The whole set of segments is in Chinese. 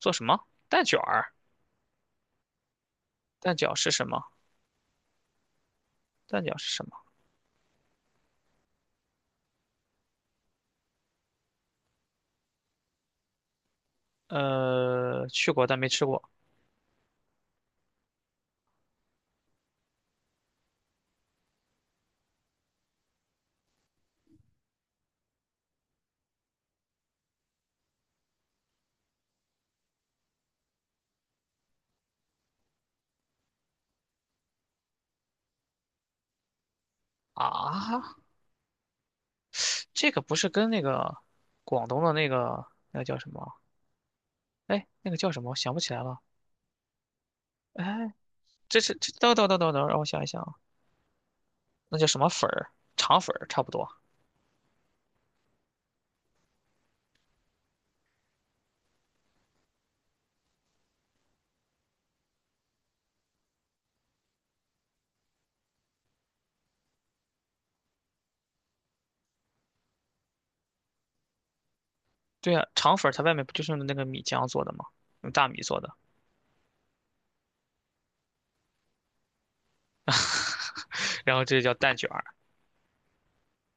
做什么？蛋卷儿？蛋饺是什么？蛋饺是什么？去过但没吃过。啊，这个不是跟那个广东的那个那个叫什么？哎，那个叫什么？我想不起来了。哎，这是这等等等等等，让我想一想啊，那叫什么粉儿？肠粉儿差不多。对呀啊，肠粉儿它外面不就是用的那个米浆做的吗？用大米做的。然后这叫蛋卷儿、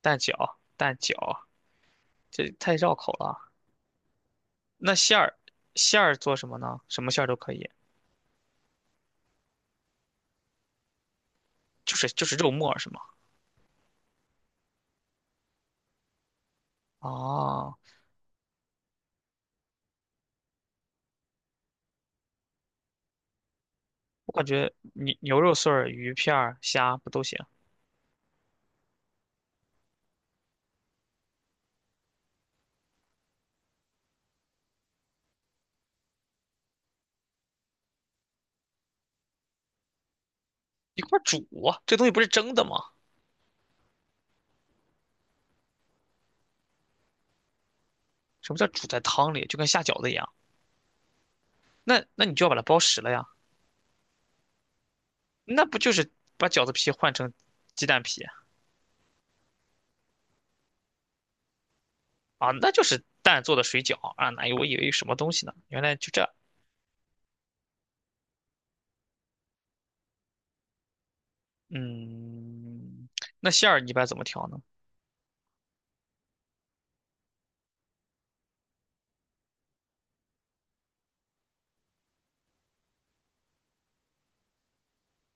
蛋饺，这太绕口了。那馅儿，馅儿做什么呢？什么馅儿都可以，就是肉末是吗？哦，我感觉牛肉碎儿、鱼片儿、虾不都行？一块儿煮啊，这东西不是蒸的吗？什么叫煮在汤里？就跟下饺子一样。那那你就要把它包实了呀。那不就是把饺子皮换成鸡蛋皮啊？那就是蛋做的水饺啊！哪有，我以为有什么东西呢，原来就这。嗯，那馅儿你一般怎么调呢？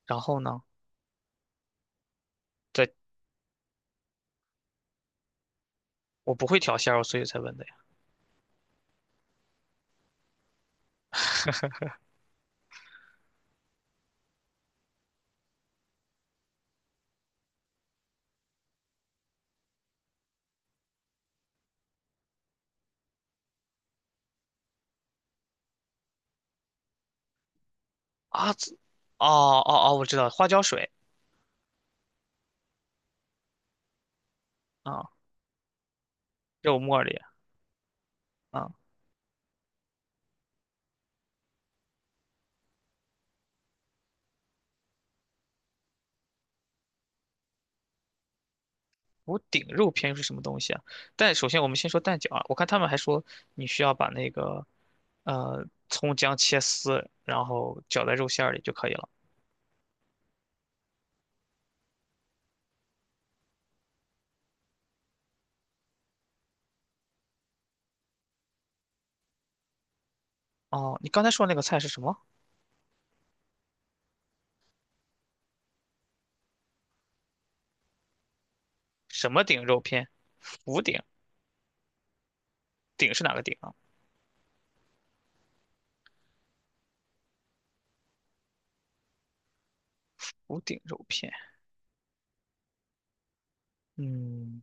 然后呢？对，我不会调馅儿，所以才问的呀。啊，这哦，哦，哦，我知道了，花椒水啊，肉末里啊。福鼎肉片又是什么东西啊？但首先我们先说蛋饺啊，我看他们还说你需要把那个葱姜切丝，然后搅在肉馅儿里就可以了。哦，你刚才说那个菜是什么？什么顶肉片？福鼎？鼎是哪个鼎啊？福鼎肉片？嗯，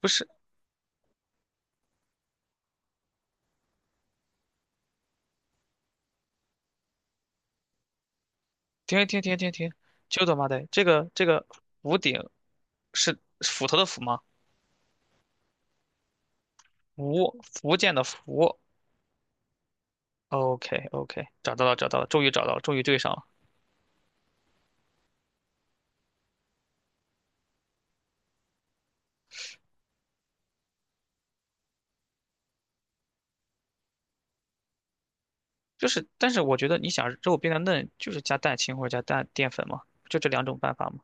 不是，停停停停停，就他妈的这个福鼎是斧头的斧吗？福建的福。OK OK,找到了找到了，终于找到了，终于对上了。就是，但是我觉得你想肉变得嫩，就是加蛋清或者加蛋淀粉嘛，就这两种办法嘛。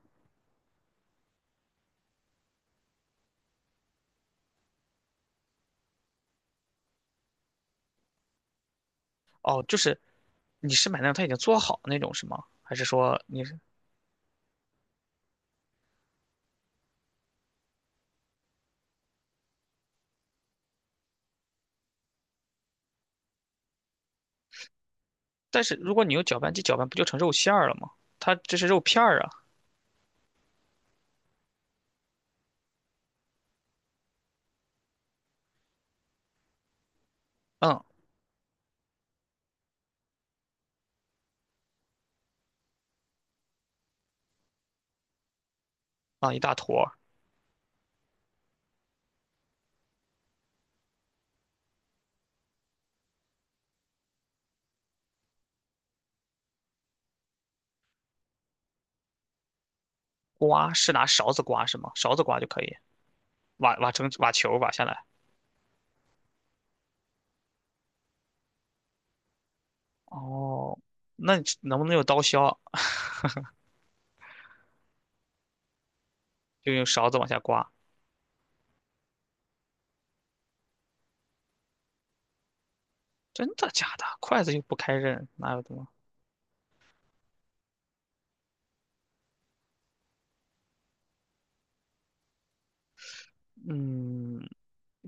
哦，就是你是买那种它已经做好的那种是吗？还是说你是？但是如果你用搅拌机搅拌，不就成肉馅儿了吗？它这是肉片儿啊。嗯。啊，一大坨儿。刮是拿勺子刮是吗？勺子刮就可以，挖球儿挖下来。哦，那你能不能用刀削？就用勺子往下刮？真的假的？筷子又不开刃，哪有的吗？嗯，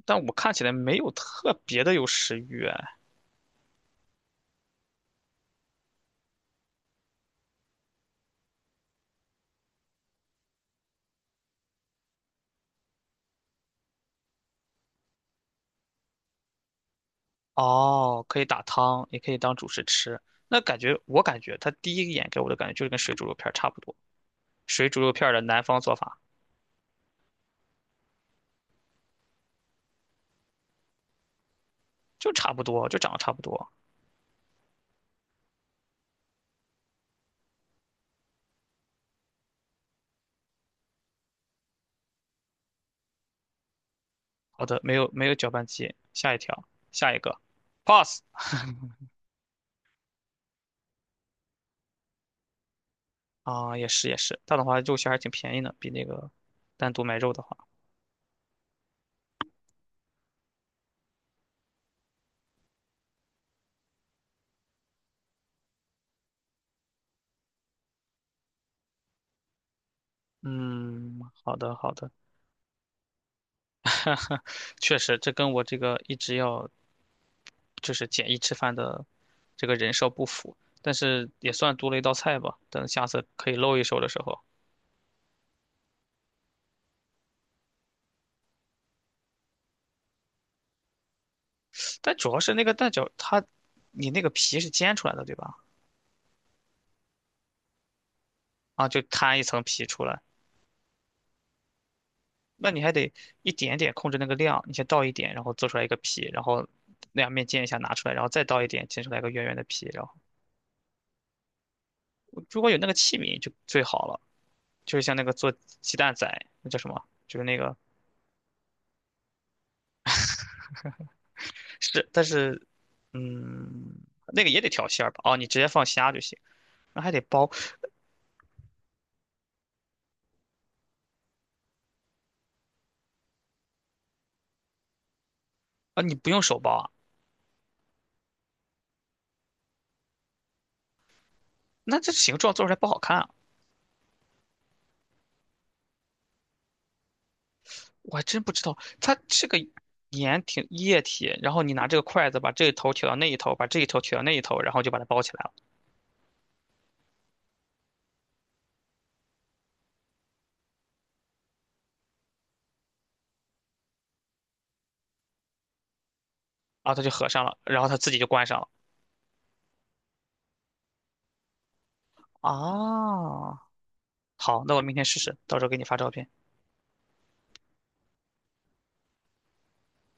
但我看起来没有特别的有食欲哎。哦，可以打汤，也可以当主食吃。那感觉，我感觉他第一眼给我的感觉就是跟水煮肉片儿差不多，水煮肉片儿的南方做法就差不多，就长得差不多。好的，没有没有搅拌机，下一条，下一个，pass 啊，也是也是，这样的话肉馅还挺便宜的，比那个单独买肉的话。嗯，好的好的，确实，这跟我这个一直要就是简易吃饭的这个人设不符，但是也算多了一道菜吧。等下次可以露一手的时候，但主要是那个蛋饺，它你那个皮是煎出来的，对吧？啊，就摊一层皮出来，那你还得一点点控制那个量，你先倒一点，然后做出来一个皮，然后两面煎一下拿出来，然后再倒一点，煎出来一个圆圆的皮。然后如果有那个器皿就最好了，就是像那个做鸡蛋仔，那叫什么？就是那个是，但是嗯，那个也得调馅儿吧？哦，你直接放虾就行。那还得包啊？你不用手包啊？那这形状做出来不好看啊？我还真不知道，它这个盐挺液体，然后你拿这个筷子把这一头挑到那一头，把这一头挑到那一头，然后就把它包起来了，然后它就合上了，然后它自己就关上了。啊，好，那我明天试试，到时候给你发照片。